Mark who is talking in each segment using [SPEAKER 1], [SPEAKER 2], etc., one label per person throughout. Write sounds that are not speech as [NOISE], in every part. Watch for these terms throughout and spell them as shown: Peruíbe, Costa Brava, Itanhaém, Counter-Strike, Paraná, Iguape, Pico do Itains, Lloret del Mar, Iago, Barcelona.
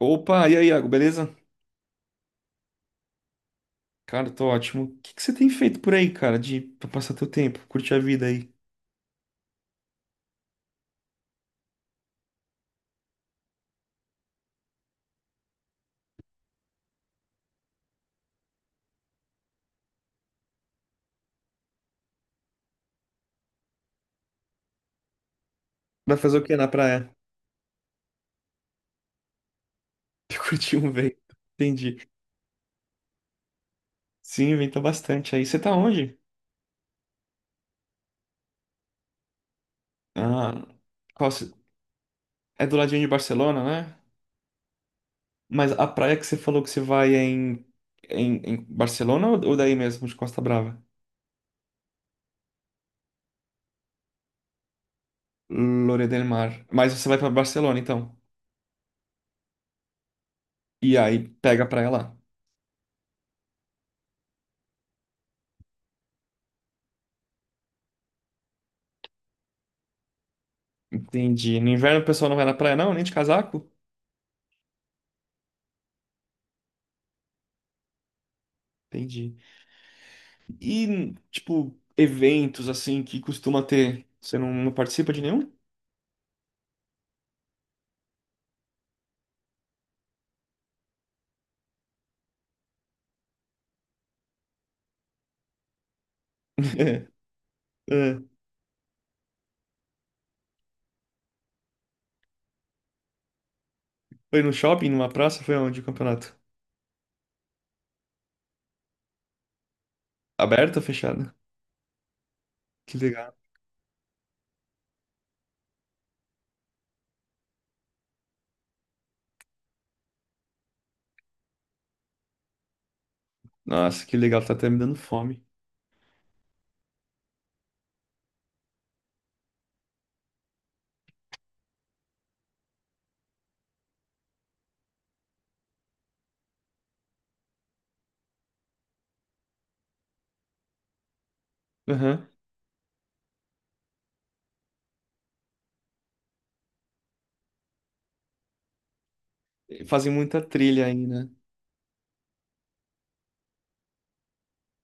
[SPEAKER 1] Opa, e aí, Iago, beleza? Cara, tô ótimo. O que que você tem feito por aí, cara, de pra passar teu tempo, curtir a vida aí? Vai fazer o quê na praia? [LAUGHS] Curtir um vento. Entendi. Sim, venta bastante aí. Você tá onde? Ah, qual ci- é do ladinho de Barcelona, né? Mas a praia que você falou que você vai é em Barcelona ou daí mesmo, de Costa Brava? Lloret del Mar. Mas você vai pra Barcelona, então. E aí, pega a praia lá. Entendi. No inverno o pessoal não vai na praia, não? Nem de casaco? Entendi. E, tipo, eventos assim que costuma ter. Você não participa de nenhum? [LAUGHS] É. Foi no shopping, numa praça? Foi onde o campeonato? Aberto ou fechado? Que legal. Nossa, que legal, tá até me dando fome. Aham. Fazem muita trilha aí, né?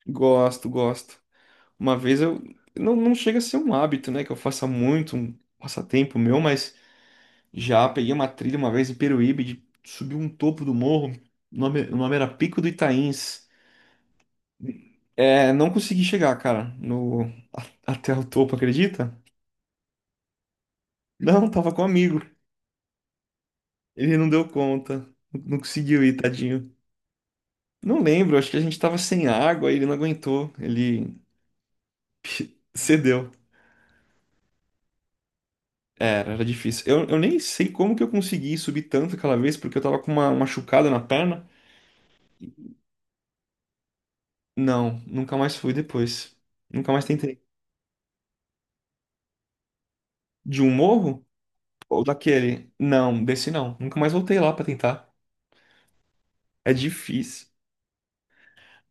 [SPEAKER 1] Gosto, gosto. Uma vez eu. Não, não chega a ser um hábito, né? Que eu faça muito, um passatempo meu, mas já peguei uma trilha uma vez em Peruíbe, de subir um topo do morro. O nome era Pico do Itains. É, não consegui chegar, cara, no a- até o topo, acredita? Não, tava com um amigo. Ele não deu conta. Não não conseguiu ir, tadinho. Não lembro, acho que a gente tava sem água e ele não aguentou. Ele [LAUGHS] cedeu. Era difícil. Eu nem sei como que eu consegui subir tanto aquela vez, porque eu tava com uma machucada na perna. Não, nunca mais fui depois. Nunca mais tentei. De um morro? Ou daquele? Não, desse não. Nunca mais voltei lá pra tentar. É difícil.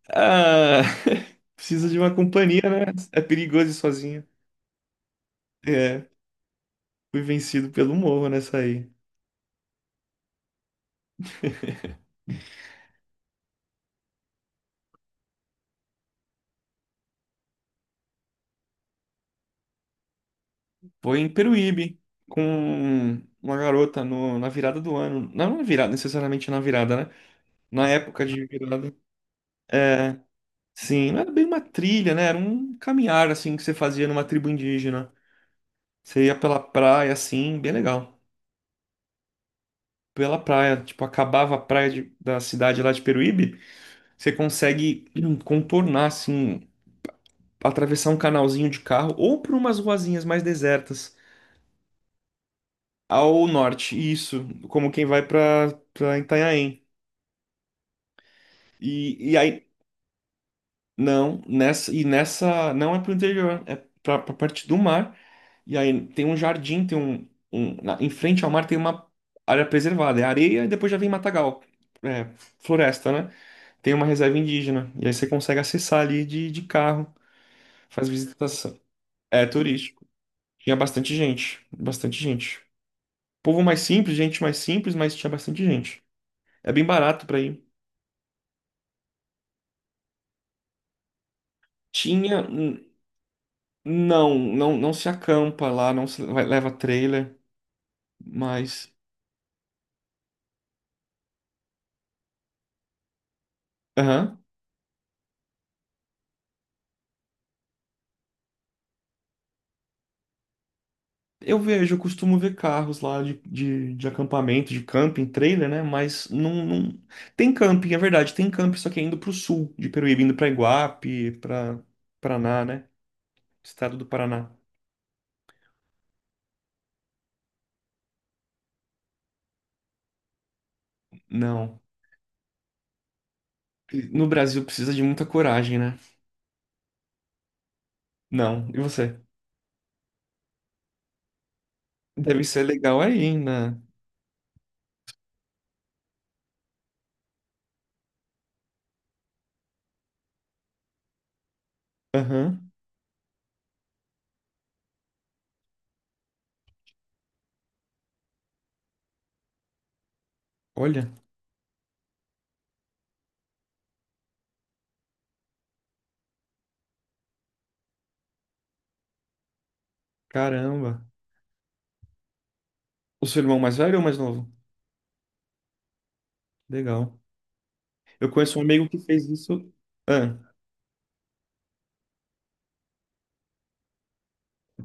[SPEAKER 1] Ah, [LAUGHS] precisa de uma companhia, né? É perigoso ir sozinho. É, fui vencido pelo morro nessa aí. Foi em Peruíbe, com uma garota na virada do ano. Não na virada, necessariamente na virada, né? Na época de virada. É, sim, não era bem uma trilha, né? Era um caminhar, assim, que você fazia numa tribo indígena. Você ia pela praia, assim, bem legal. Pela praia, tipo, acabava a praia de- da cidade lá de Peruíbe, você consegue contornar, assim, atravessar um canalzinho de carro ou por umas ruazinhas mais desertas ao norte, isso, como quem vai para Itanhaém. E aí não, nessa não é pro interior, é pra parte do mar. E aí tem um jardim, tem um, um na- em frente ao mar tem uma área preservada, é areia e depois já vem matagal. É, floresta, né? Tem uma reserva indígena. E aí você consegue acessar ali de carro, faz visitação. É turístico. Tinha bastante gente, bastante gente. Povo mais simples, gente mais simples, mas tinha bastante gente. É bem barato pra ir. Tinha. Não, não, não se acampa lá, não se vai- leva trailer, mas. Aham. Eu vejo, eu costumo ver carros lá de acampamento, de camping, trailer, né? Mas não, não. Tem camping, é verdade, tem camping, só que é indo pro sul de Peruíbe, indo pra Iguape, pra Paraná, né? Estado do Paraná. Não. No Brasil precisa de muita coragem, né? Não. E você? Deve ser legal aí, né? Aham. Olha, caramba. O seu irmão mais velho ou mais novo? Legal. Eu conheço um amigo que fez isso. Ah,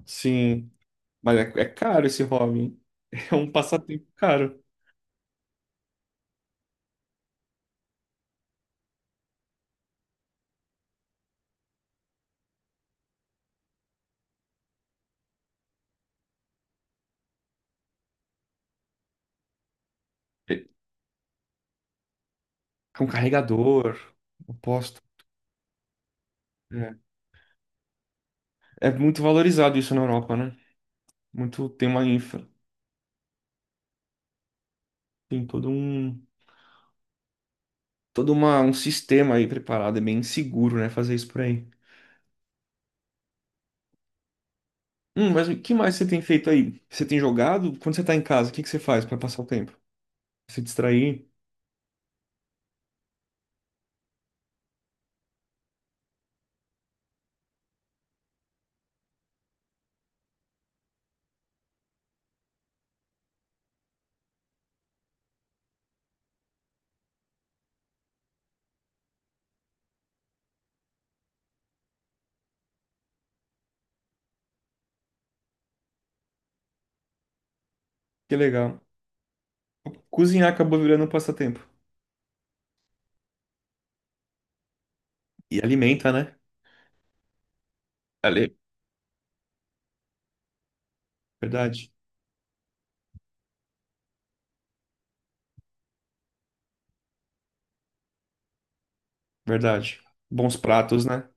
[SPEAKER 1] sim. Mas é, é caro esse hobby, hein? [LAUGHS] É um passatempo caro. É, com carregador, oposto. É, é muito valorizado isso na Europa, né? Muito tem uma infra. Tem todo um um sistema aí preparado. É bem seguro, né? Fazer isso por aí. Mas o que mais você tem feito aí? Você tem jogado? Quando você tá em casa, o que que você faz para passar o tempo? Se distrair? Que legal. Cozinhar acabou virando um passatempo. E alimenta, né? Ali, verdade, verdade. Bons pratos, né?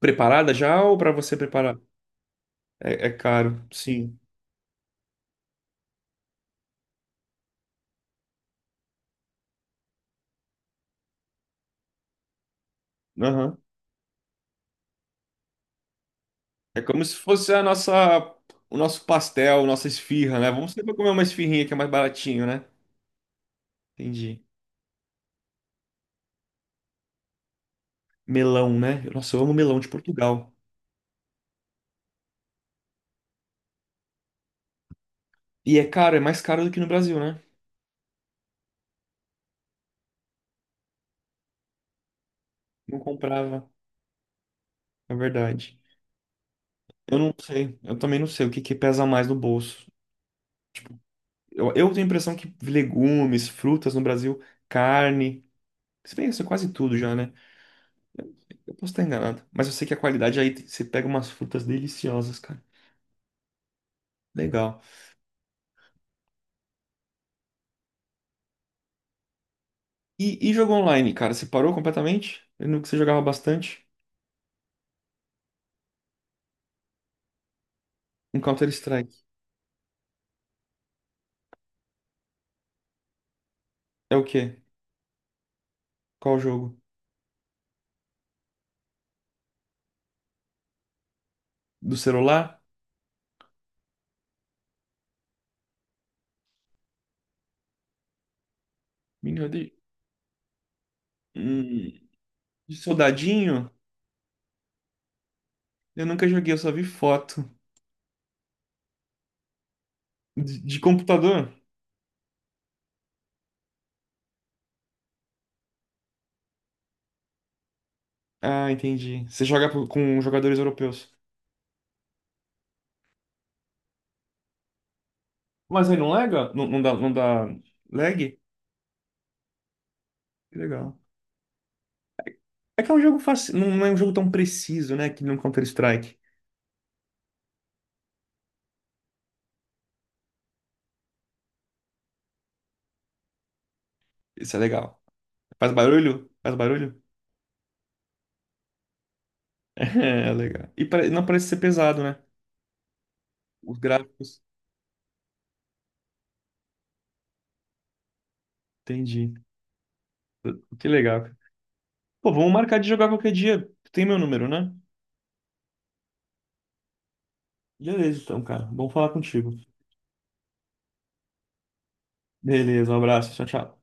[SPEAKER 1] Preparada já ou pra você preparar? É, é caro, sim. Aham. É como se fosse a nossa, o nosso pastel, nossa esfirra, né? Vamos sempre comer uma esfirrinha que é mais baratinho, né? Entendi. Melão, né? Nossa, eu amo melão de Portugal. E é caro, é mais caro do que no Brasil, né? Não comprava, é verdade. Eu não sei, eu também não sei o que que pesa mais no bolso. Eu tenho a impressão que legumes, frutas no Brasil, carne, se bem que isso é quase tudo já, né? Eu posso estar enganado, mas eu sei que a qualidade você pega umas frutas deliciosas, cara. Legal. E jogo online, cara, você parou completamente? Eu lembro que você jogava bastante. Um Counter-Strike. É o quê? Qual jogo? Do celular? Menino Hum, de soldadinho? Eu nunca joguei, eu só vi foto. De computador? Ah, entendi. Você com jogadores europeus. Mas aí não lega? Não, não dá lag? Que legal. É que é um jogo fácil, não é um jogo tão preciso, né? Que nem um Counter-Strike. Isso é legal. Faz barulho? Faz barulho? [LAUGHS] É, legal. E não parece ser pesado, né? Os gráficos. Entendi. Que legal, cara. Pô, vamos marcar de jogar qualquer dia. Tu tem meu número, né? Beleza, então, cara. Bom falar contigo. Beleza, um abraço. Tchau, tchau.